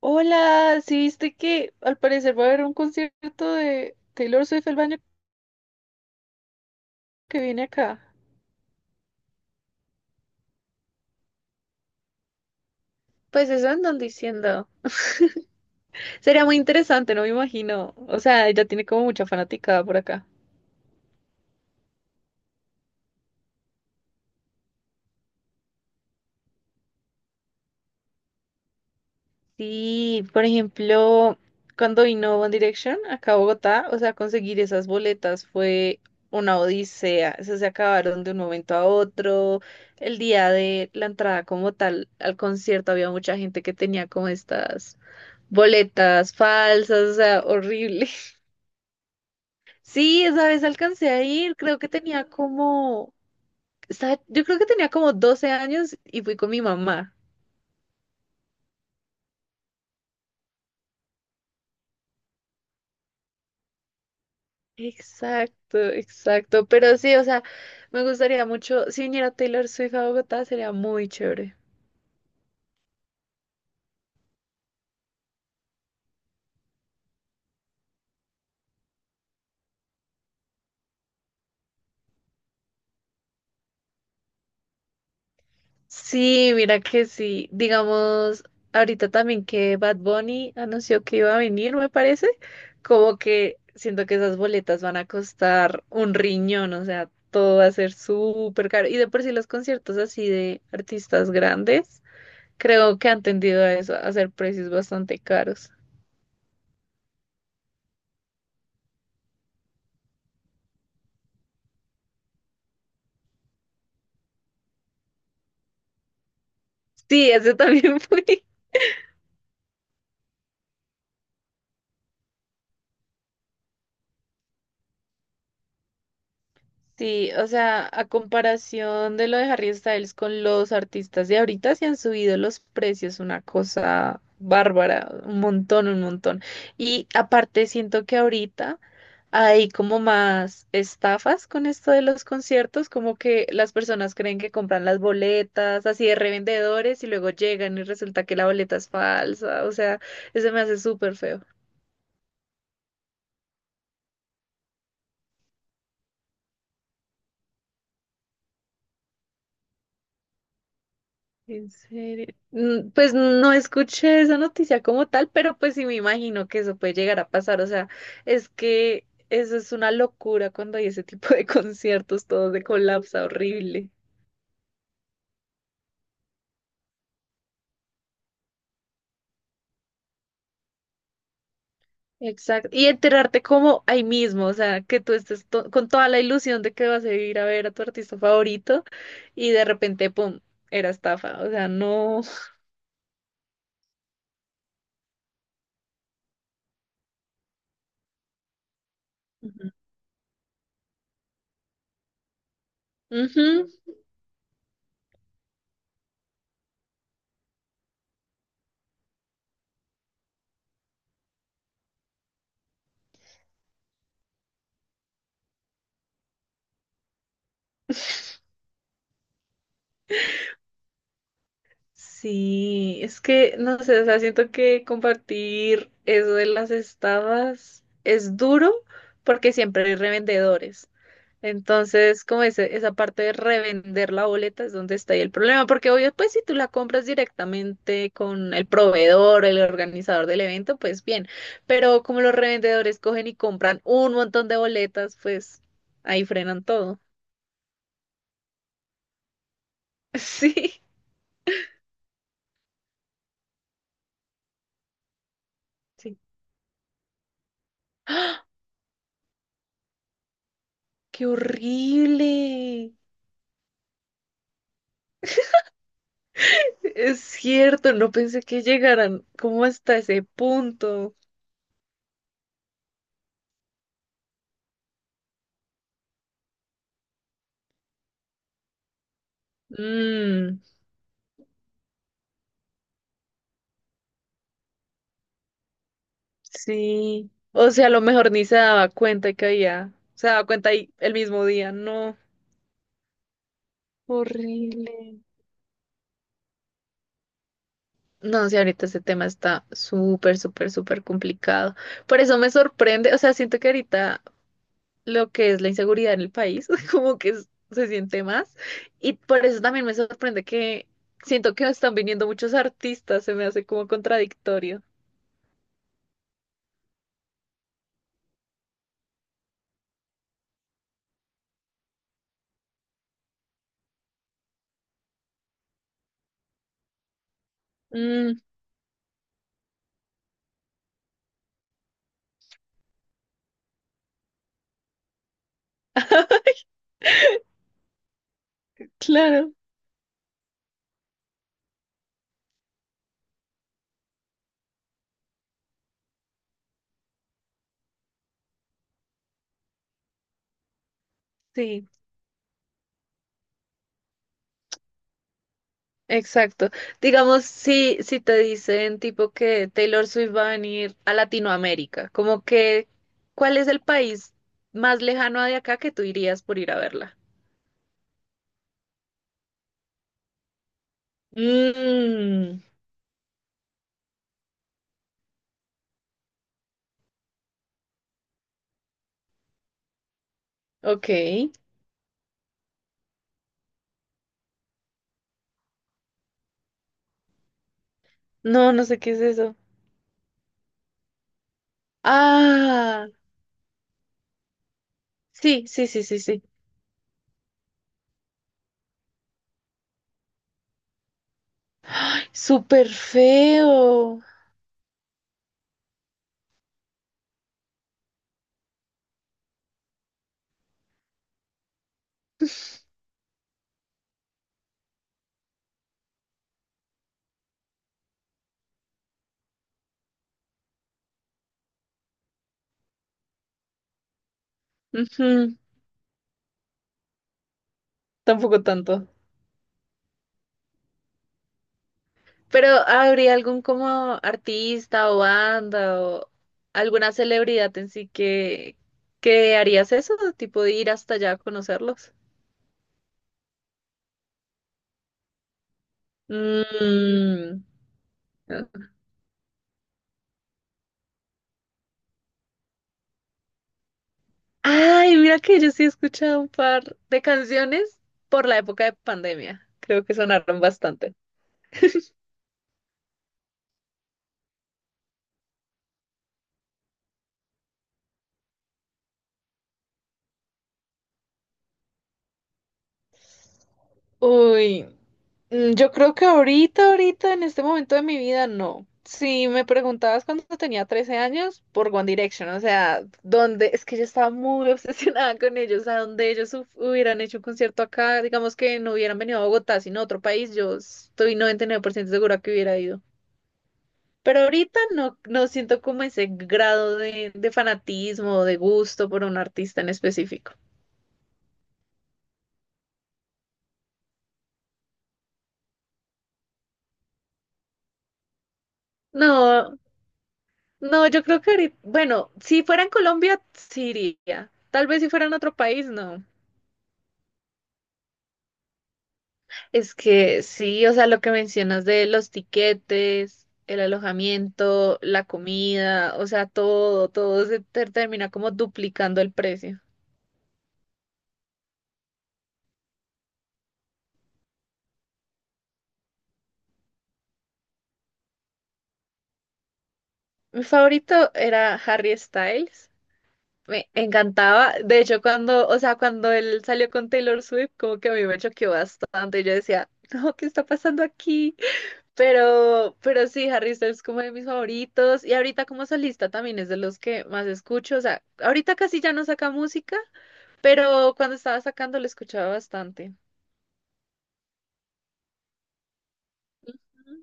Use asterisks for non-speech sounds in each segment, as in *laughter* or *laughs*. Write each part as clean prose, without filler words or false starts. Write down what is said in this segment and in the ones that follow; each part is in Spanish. Hola, ¿sí viste que al parecer va a haber un concierto de Taylor Swift el año que viene acá? Pues eso andan diciendo. Sería muy interesante, no me imagino. O sea, ella tiene como mucha fanaticada por acá. Sí, por ejemplo, cuando vino One Direction acá a Bogotá, o sea, conseguir esas boletas fue una odisea. Eso se acabaron de un momento a otro. El día de la entrada como tal al concierto había mucha gente que tenía como estas boletas falsas, o sea, horrible. *laughs* Sí, esa vez alcancé a ir, creo que tenía como, yo creo que tenía como 12 años y fui con mi mamá. Exacto, exacto. Pero sí, o sea, me gustaría mucho, si viniera Taylor Swift a Bogotá, sería muy chévere. Sí, mira que sí. Digamos, ahorita también que Bad Bunny anunció que iba a venir, me parece, como que siento que esas boletas van a costar un riñón, o sea, todo va a ser súper caro. Y de por sí los conciertos así de artistas grandes, creo que han tendido a eso, a hacer precios bastante caros. Sí, ese también *laughs* fue. Sí, o sea, a comparación de lo de Harry Styles con los artistas de ahorita, se han subido los precios, una cosa bárbara, un montón, un montón. Y aparte siento que ahorita hay como más estafas con esto de los conciertos, como que las personas creen que compran las boletas así de revendedores y luego llegan y resulta que la boleta es falsa, o sea, eso me hace súper feo. En serio. Pues no escuché esa noticia como tal, pero pues sí me imagino que eso puede llegar a pasar. O sea, es que eso es una locura cuando hay ese tipo de *laughs* conciertos, todo se colapsa horrible. Exacto. Y enterarte como ahí mismo, o sea, que tú estés con toda la ilusión de que vas a ir a ver a tu artista favorito y de repente, pum, era estafa. O sea, no. Ujú. Ujú. Sí, es que, no sé, o sea, siento que compartir eso de las estafas es duro porque siempre hay revendedores. Entonces, como ese, esa parte de revender la boleta es donde está ahí el problema, porque obvio, pues si tú la compras directamente con el proveedor, el organizador del evento, pues bien, pero como los revendedores cogen y compran un montón de boletas, pues ahí frenan todo. *laughs* Sí, sí. ¡Qué horrible! Es cierto, no pensé que llegaran como hasta ese punto. Mm, sí. O sea, a lo mejor ni se daba cuenta que había. Se daba cuenta ahí el mismo día. No, horrible. No, sí, ahorita ese tema está súper, súper, súper complicado. Por eso me sorprende. O sea, siento que ahorita lo que es la inseguridad en el país, *laughs* como que se siente más. Y por eso también me sorprende que siento que están viniendo muchos artistas. Se me hace como contradictorio. Mm. *laughs* Claro, sí, exacto. Digamos, si te dicen tipo que Taylor Swift va a venir a Latinoamérica, como que, ¿cuál es el país más lejano de acá que tú irías por ir a verla? Mmm, ok. No, no sé qué es eso. Ah, sí, sí, sí, sí, sí. Súper feo. Ujú. Tampoco tanto. Pero ¿habría algún como artista o banda o alguna celebridad en sí que, harías eso? Tipo de ir hasta allá a conocerlos. Mm. Ay, mira que yo sí he escuchado un par de canciones por la época de pandemia. Creo que sonaron bastante. Uy. Yo creo que ahorita, ahorita, en este momento de mi vida, no. Si me preguntabas cuando tenía 13 años, por One Direction, o sea, donde, es que yo estaba muy *laughs* obsesionada con ellos, o sea, donde ellos hubieran hecho un concierto acá, digamos que no hubieran venido a Bogotá, sino a otro país, yo estoy 99% segura que hubiera ido. Pero ahorita no, no siento como ese grado de fanatismo, de gusto por un artista en específico. No, no, yo creo que ahorita, bueno, si fuera en Colombia, sí iría. Tal vez si fuera en otro país, no. Es que sí, o sea, lo que mencionas de los tiquetes, el alojamiento, la comida, o sea, todo, todo se termina como duplicando el precio. Mi favorito era Harry Styles. Me encantaba. De hecho, cuando, o sea, cuando él salió con Taylor Swift, como que a mí me choqueó bastante. Yo decía, no, ¿qué está pasando aquí? Pero sí, Harry Styles es como de mis favoritos. Y ahorita como solista también es de los que más escucho. O sea, ahorita casi ya no saca música, pero cuando estaba sacando lo escuchaba bastante. Ujú.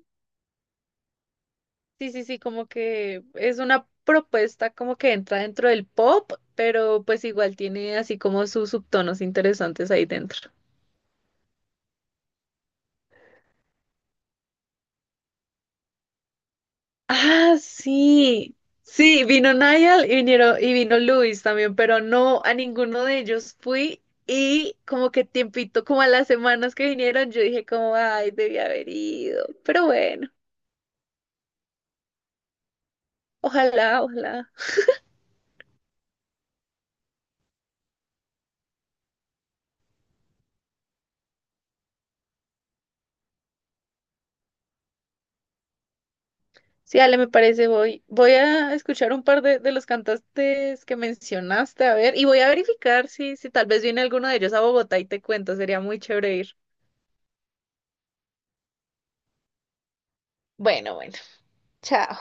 Sí, sí, sí, como que es una propuesta como que entra dentro del pop, pero pues igual tiene así como sus subtonos interesantes ahí dentro. Ah, sí. Sí, vino Niall y vinieron, y vino Luis también, pero no a ninguno de ellos fui. Y como que tiempito, como a las semanas que vinieron, yo dije como, ay, debí haber ido. Pero bueno, ojalá, ojalá. Sí, Ale, me parece, voy a escuchar un par de, los cantantes que mencionaste, a ver, y voy a verificar si tal vez viene alguno de ellos a Bogotá y te cuento, sería muy chévere ir. Bueno, bueno, chao.